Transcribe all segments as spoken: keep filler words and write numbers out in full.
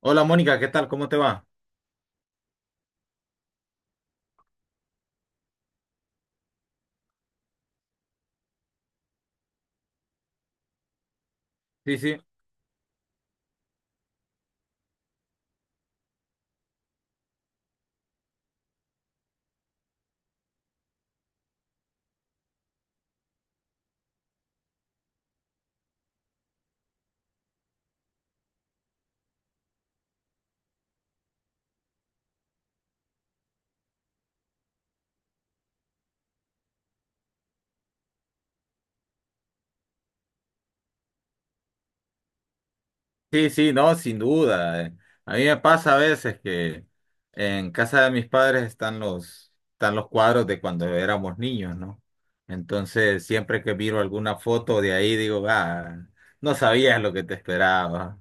Hola Mónica, ¿qué tal? ¿Cómo te va? Sí, sí, sí, sí, no, sin duda. eh. A mí me pasa a veces que en casa de mis padres están los, están los cuadros de cuando éramos niños, ¿no? Entonces, siempre que miro alguna foto de ahí, digo, ah, no sabías lo que te esperaba.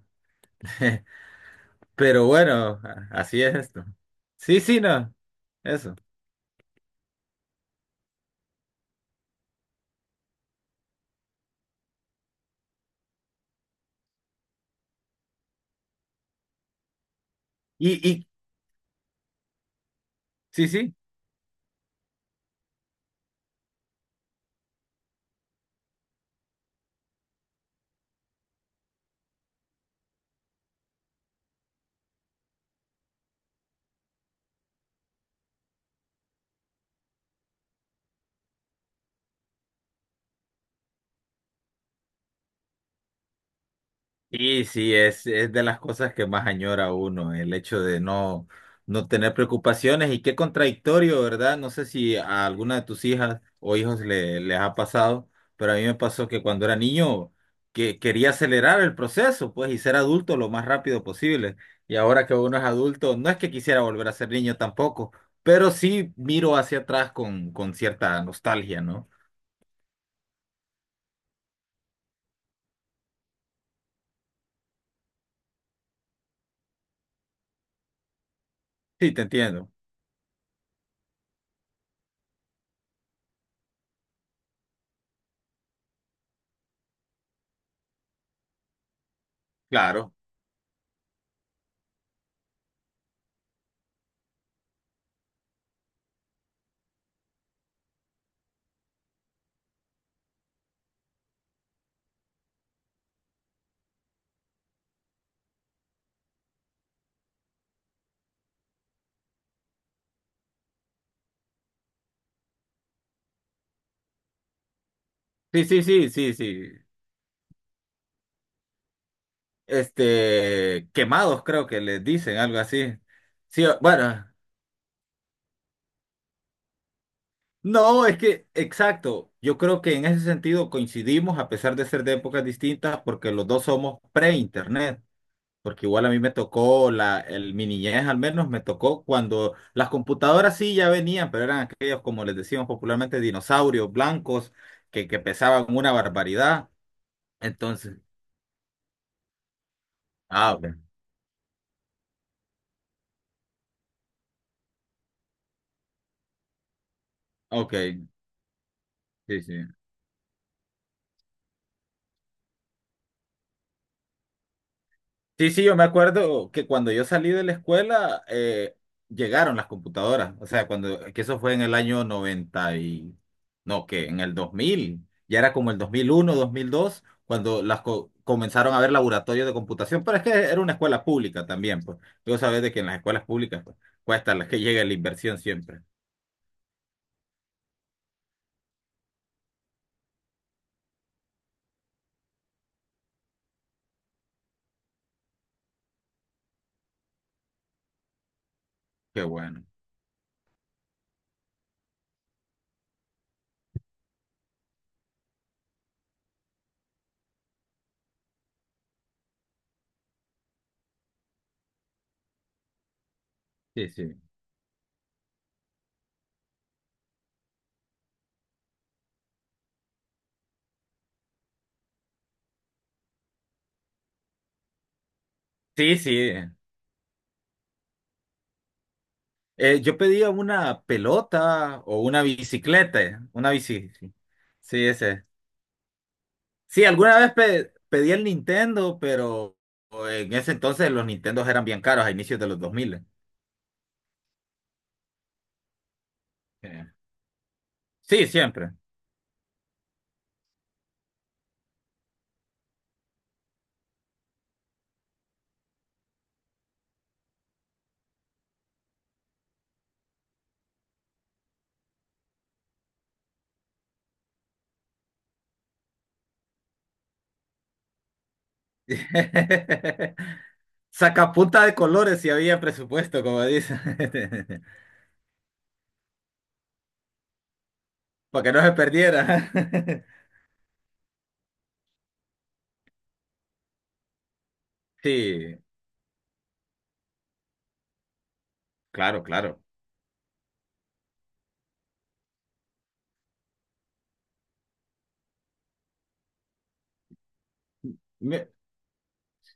Pero bueno, a- así es esto. Sí, sí, no, eso. Y, y, sí, sí. Sí, sí, es, es de las cosas que más añora uno, el hecho de no, no tener preocupaciones y qué contradictorio, ¿verdad? No sé si a alguna de tus hijas o hijos le, les ha pasado, pero a mí me pasó que cuando era niño que quería acelerar el proceso, pues, y ser adulto lo más rápido posible. Y ahora que uno es adulto, no es que quisiera volver a ser niño tampoco, pero sí miro hacia atrás con, con cierta nostalgia, ¿no? Sí, te entiendo. Claro. Sí, sí, sí, sí, sí. Este, quemados, creo que les dicen algo así. Sí, bueno, no, es que, exacto, yo creo que en ese sentido coincidimos a pesar de ser de épocas distintas porque los dos somos pre-internet, porque igual a mí me tocó, la, el, mi niñez al menos me tocó cuando las computadoras sí ya venían, pero eran aquellos, como les decíamos popularmente, dinosaurios blancos que, que pesaban una barbaridad. Entonces, ah, ok, ok, sí, sí. Sí, sí, yo me acuerdo que cuando yo salí de la escuela eh, llegaron las computadoras, o sea, cuando que eso fue en el año noventa y no, que en el dos mil ya era como el dos dos mil uno dos mil dos cuando las co- comenzaron a haber laboratorios de computación, pero es que era una escuela pública también, pues. Tú sabes de que en las escuelas públicas pues, cuesta la que llegue la inversión siempre. Qué bueno. Sí, sí. Sí, sí. Eh, yo pedía una pelota o una bicicleta, una bici. Sí, sí, ese. Sí, alguna vez pe- pedí el Nintendo, pero en ese entonces los Nintendos eran bien caros a inicios de los dos mil. Eh, Sí, siempre. Sacapunta de colores si había presupuesto, como dicen, para que no se perdiera. Sí, claro, claro.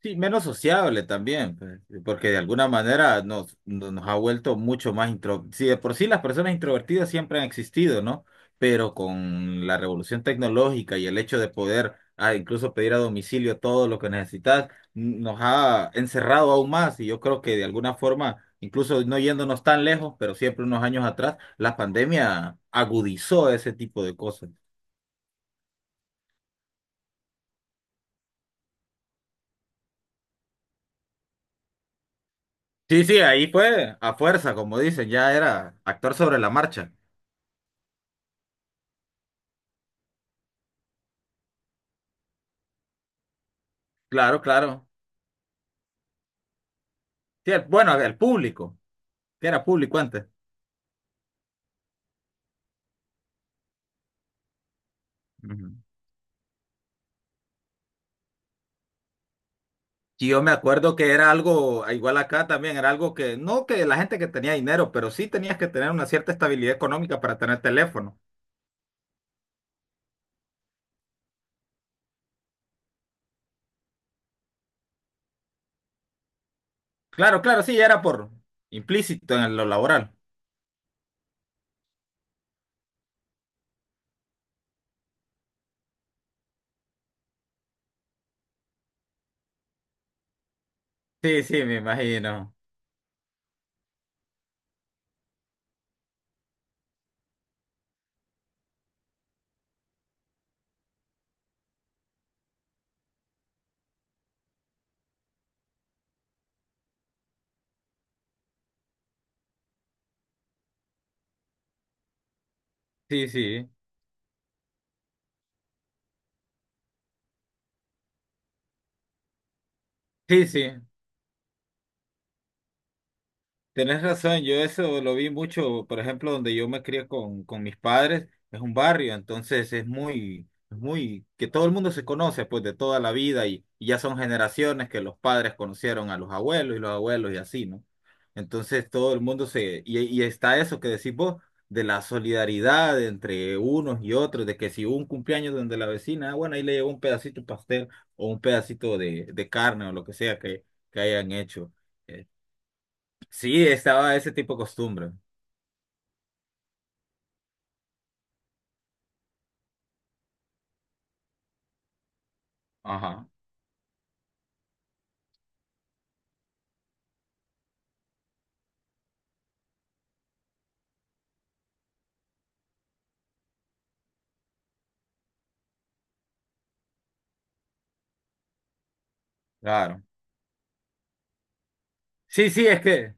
Sí, menos sociable también, pues, porque de alguna manera nos, no- nos ha vuelto mucho más intro. Sí, de por sí las personas introvertidas siempre han existido, ¿no? Pero con la revolución tecnológica y el hecho de poder ah, incluso pedir a domicilio todo lo que necesitas, n- nos ha encerrado aún más. Y yo creo que de alguna forma, incluso no yéndonos tan lejos, pero siempre unos años atrás, la pandemia agudizó ese tipo de cosas. Sí, sí, ahí fue a fuerza, como dicen, ya era actor sobre la marcha. Claro, claro. Sí, el- bueno, el público, que era público antes. Ujú. Y yo me acuerdo que era algo, ah, igual acá también, era algo que, no que la gente que tenía dinero, pero sí tenías que tener una cierta estabilidad económica para tener teléfono. Claro, claro, sí, era por implícito en lo laboral. Sí, sí, me imagino. Sí, sí. Sí, sí. Tenés razón, yo eso lo vi mucho, por ejemplo, donde yo me crié con, con mis padres, es un barrio, entonces es muy, es muy, que todo el mundo se conoce pues de toda la vida y, y ya son generaciones que los padres conocieron a los abuelos y los abuelos y así, ¿no? Entonces todo el mundo se, y, y está eso que decís vos, de la solidaridad entre unos y otros, de que si hubo un cumpleaños donde la vecina, ah, bueno, ahí le llevó un pedacito de pastel o un pedacito de, de carne o lo que sea que, que hayan hecho. Sí, estaba ese tipo de costumbre. Ajá, claro. Sí, sí, es que,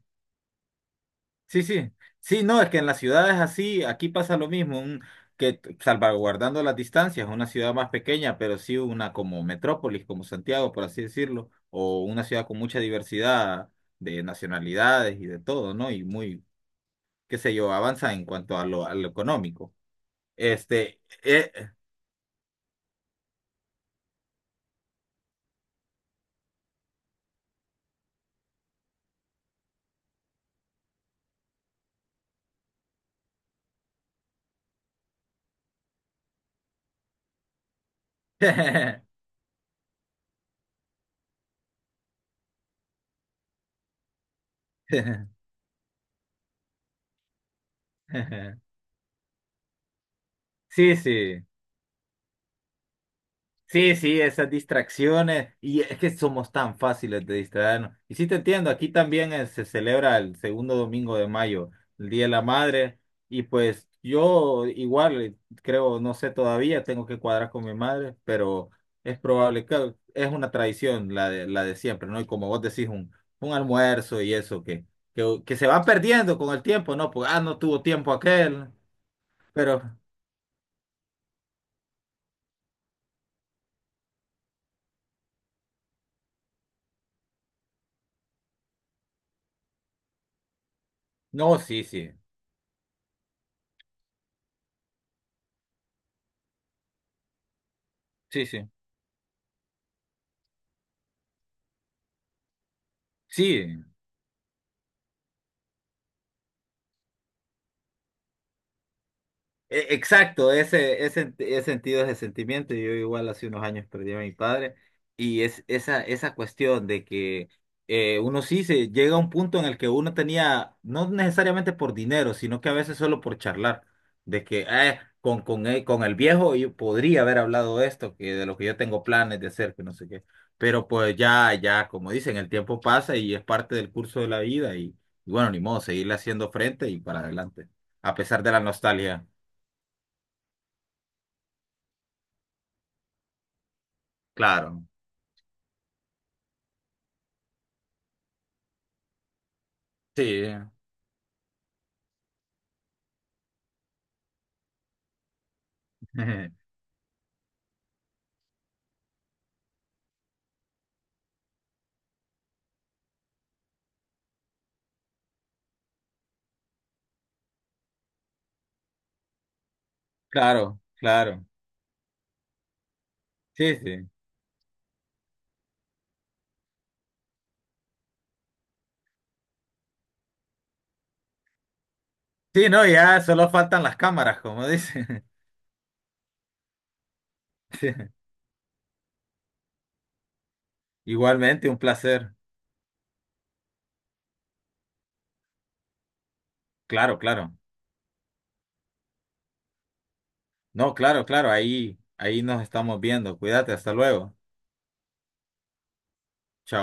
sí, sí, sí, no, es que en las ciudades así, aquí pasa lo mismo, un- que t- salvaguardando las distancias, una ciudad más pequeña, pero sí una como metrópolis, como Santiago, por así decirlo, o una ciudad con mucha diversidad de nacionalidades y de todo, ¿no? Y muy, qué sé yo, avanza en cuanto a lo, a lo económico. Este, eh, sí, sí. Sí, sí, esas distracciones. Y es que somos tan fáciles de distraernos. Y sí te entiendo, aquí también eh, se celebra el segundo domingo de mayo, el Día de la Madre. Y pues yo igual, eh, creo, no sé todavía, tengo que cuadrar con mi madre, pero es probable que es una tradición la de, la de siempre, ¿no? Y como vos decís, un, un almuerzo y eso que, que, que se va perdiendo con el tiempo, ¿no? Pues, ah, no tuvo tiempo aquel, pero no, sí, sí, sí, sí, sí. E- Exacto, ese, ese, ese sentido, ese sentimiento. Yo igual hace unos años perdí a mi padre y es esa, esa cuestión de que eh, uno sí se llega a un punto en el que uno tenía, no necesariamente por dinero, sino que a veces solo por charlar, de que "Eh, con, con, él- con el viejo yo podría haber hablado esto, que de lo que yo tengo planes de hacer, que no sé qué. Pero pues ya, ya, como dicen, el tiempo pasa y es parte del curso de la vida y, y bueno, ni modo, seguirle haciendo frente y para adelante, a pesar de la nostalgia. Claro, sí, claro, claro. Sí, sí. Sí, no, ya solo faltan las cámaras, como dicen. Sí. Igualmente, un placer. Claro, claro. No, claro, claro, ahí, ahí nos estamos viendo. Cuídate, hasta luego. Chao.